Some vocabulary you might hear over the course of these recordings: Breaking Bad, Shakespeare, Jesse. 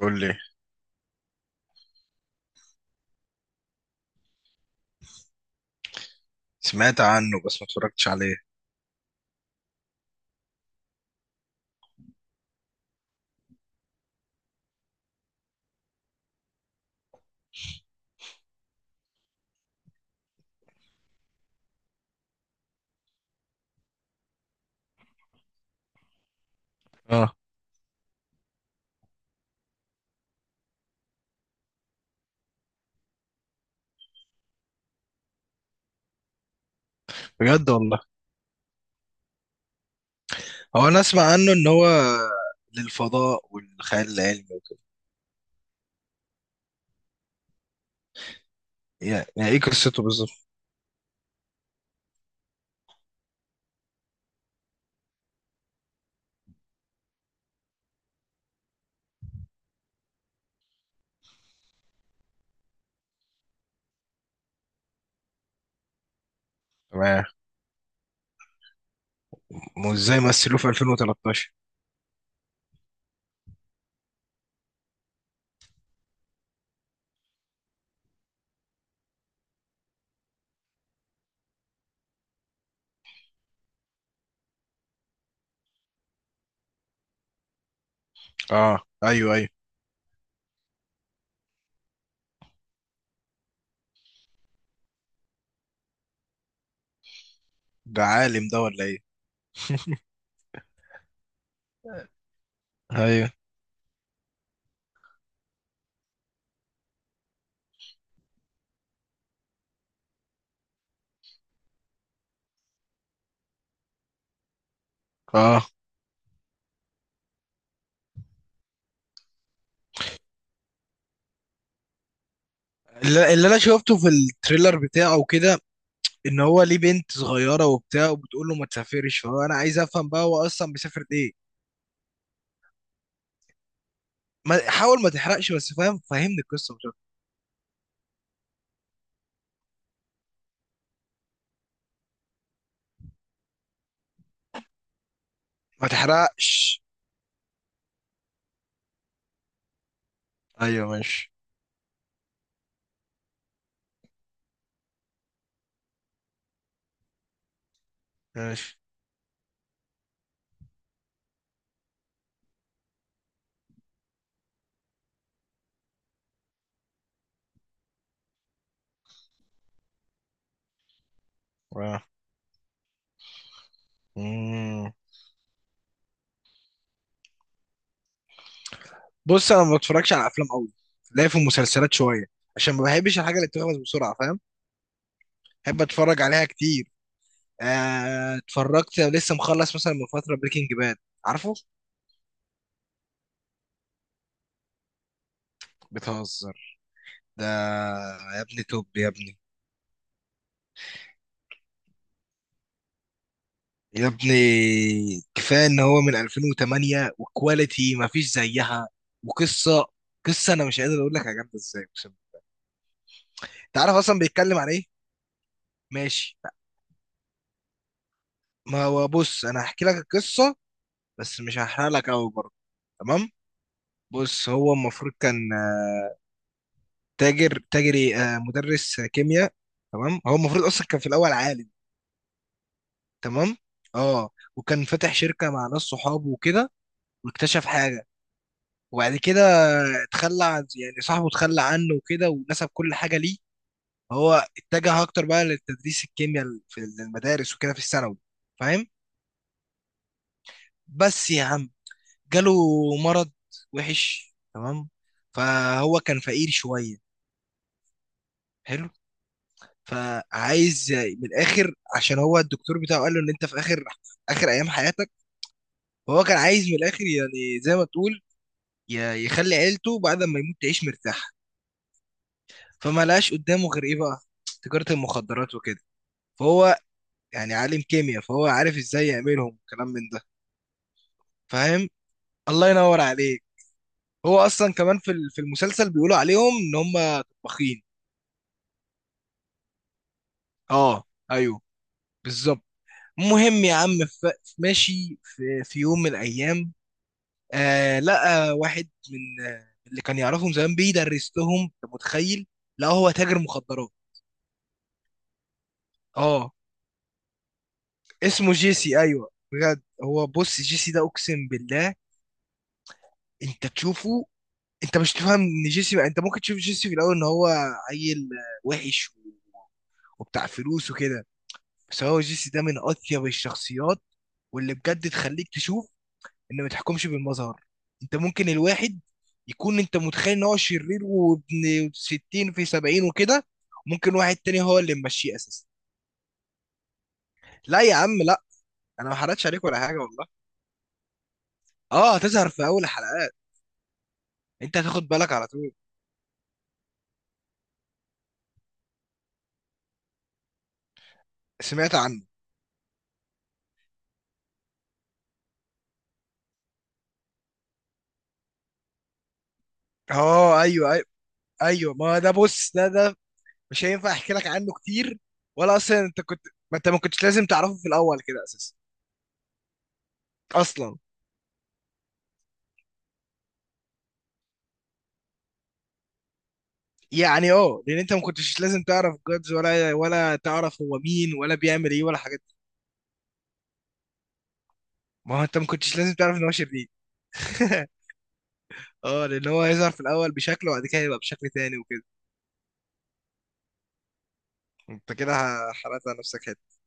قول لي. سمعت عنه بس ما اتفرجتش عليه. اه بجد والله؟ هو انا اسمع عنه ان هو للفضاء والخيال العلمي وكده. يعني ايه قصته بالظبط؟ تمام. وازاي مثلوه في 2013؟ اه ايوه ايوه. ده عالم ده ولا ايه؟ ايوه اه. اللي انا شفته في التريلر بتاعه وكده ان هو ليه بنت صغيره وبتاع وبتقول له ما تسافرش، فهو انا عايز افهم بقى هو اصلا بيسافر ليه. ما حاول ما تحرقش بس، فاهم، فهمني القصه مش أكتر. ما تحرقش. ايوه ماشي. ماشي. آه. مم. بص انا ما بتفرجش على افلام قوي، لا في المسلسلات شويه عشان ما بحبش الحاجه اللي بتخلص بسرعه، فاهم؟ بحب اتفرج عليها كتير. اتفرجت لسه، مخلص مثلا من فتره بريكنج باد، عارفه؟ بتهزر؟ ده، يا ابني توب يا ابني. يا ابني، كفايه ان هو من 2008 وكواليتي ما فيش زيها، وقصه، قصه انا مش قادر اقول لك يا جامده ازاي، اقسم بالله. انت عارف اصلا بيتكلم عن ايه؟ ماشي. ما هو بص، انا هحكي لك القصه بس مش هحرق لك قوي برضه، تمام؟ بص، هو المفروض كان تاجر تاجري آه، مدرس كيمياء. تمام، هو المفروض اصلا كان في الاول عالم. تمام. اه. وكان فاتح شركه مع ناس صحابه وكده، واكتشف حاجه. وبعد كده اتخلى عن، يعني، صاحبه اتخلى عنه وكده ونسب كل حاجه ليه. هو اتجه اكتر بقى لتدريس الكيمياء في المدارس وكده، في الثانوي، فاهم؟ بس يا عم، جاله مرض وحش، تمام؟ فهو كان فقير شويه. حلو. فعايز من الاخر، عشان هو الدكتور بتاعه قال له ان انت في اخر اخر ايام حياتك، فهو كان عايز من الاخر، يعني زي ما تقول، يخلي عيلته بعد ما يموت تعيش مرتاحه. فما لقاش قدامه غير ايه بقى؟ تجاره المخدرات وكده. فهو، يعني، عالم كيمياء، فهو عارف ازاي يعملهم وكلام من ده، فاهم؟ الله ينور عليك. هو اصلا كمان في في المسلسل بيقولوا عليهم ان هم طباخين. اه ايوه، بالظبط. المهم يا عم، ماشي، في، في يوم من الايام، آه، لقى واحد من، آه، من اللي كان يعرفهم زمان بيدرس لهم، أنت متخيل؟ لا، هو تاجر مخدرات. اه. اسمه جيسي، ايوه بجد. هو بص، جيسي ده اقسم بالله انت تشوفه، انت مش تفهم ان جيسي، انت ممكن تشوف جيسي في الاول ان هو عيل، وحش، وبتاع فلوس وكده، بس هو جيسي ده من اطيب الشخصيات، واللي بجد تخليك تشوف ان ما تحكمش بالمظهر. انت ممكن الواحد يكون، انت متخيل ان هو شرير وابن 60 في 70 وكده، ممكن واحد تاني هو اللي ممشيه اساسا. لا يا عم لا، انا ما حرقتش عليك ولا حاجه والله. اه، هتظهر في اول حلقات. انت هتاخد بالك على طول. سمعت عنه. اه ايوه ايوه. ايوه، ما ده بص، ده مش هينفع احكي لك عنه كتير. ولا اصلا انت كنت، ما انت ما كنتش لازم تعرفه في الاول كده اساسا. اصلا. يعني اه، لان انت ما كنتش لازم تعرف جادز ولا تعرف هو مين ولا بيعمل ايه ولا حاجات. ما هو انت ما كنتش لازم تعرف ان هو شرير. اه، لان هو هيظهر في الاول بشكل وبعد كده يبقى بشكل تاني وكده. انت كده حرقت على نفسك حته.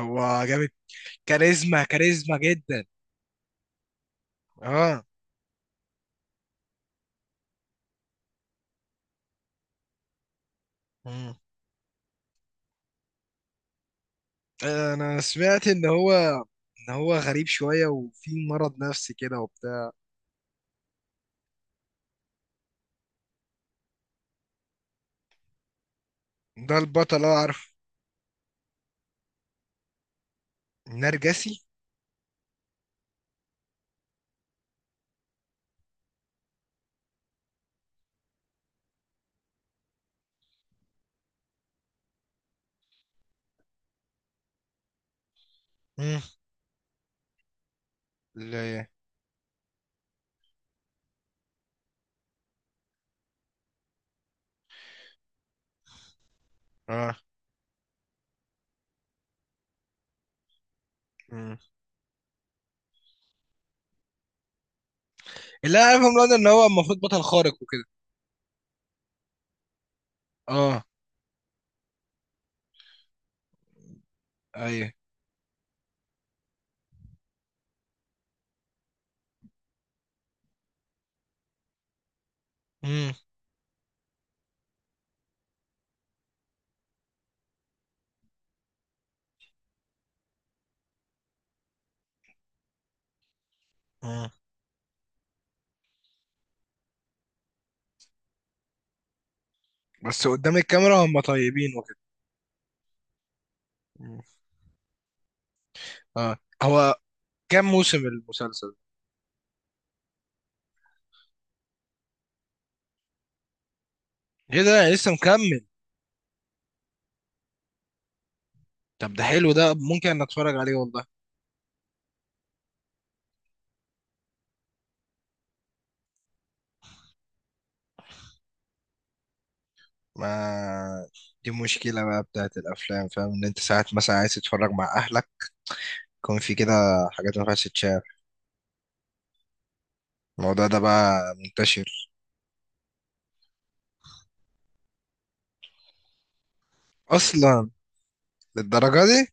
هو جامد. كاريزما جدا. اه. مم. انا سمعت ان هو، ان هو غريب شويه وفي مرض نفسي كده وبتاع. ده البطل، اه عارف. نرجسي. مم. اللي. اه. مم. اللي انا عارفه من ان هو المفروض بطل خارق وكده. اه. ايوه. مم. مم. بس قدام الكاميرا هم طيبين وكده. مم. اه. هو كام موسم المسلسل؟ ايه ده لسه مكمل؟ طب ده حلو، ده ممكن انك اتفرج عليه والله. ما دي مشكلة بقى بتاعت الافلام، فاهم، ان انت ساعات مثلا عايز تتفرج مع اهلك، يكون في كده حاجات ما ينفعش تتشاف. الموضوع ده بقى منتشر. اصلا للدرجة دي؟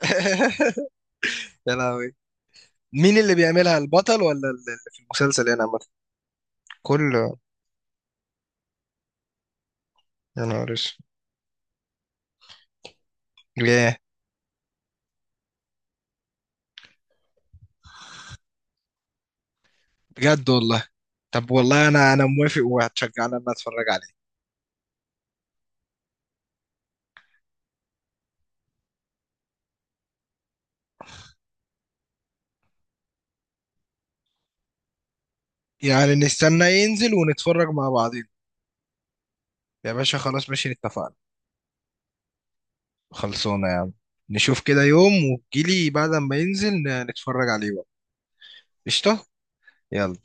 يا لهوي. مين اللي بيعملها؟ البطل ولا اللي في المسلسل هنا عامة؟ كله؟ يا نهار اسود. ليه؟ بجد والله؟ طب والله انا، انا موافق، وهتشجعني ان انا اتفرج عليه. يعني نستنى ينزل ونتفرج مع بعضين؟ يا باشا خلاص ماشي، اتفقنا. خلصونا يا عم. نشوف كده يوم وتجيلي بعد ما ينزل، نتفرج عليه بقى. قشطة. يلا.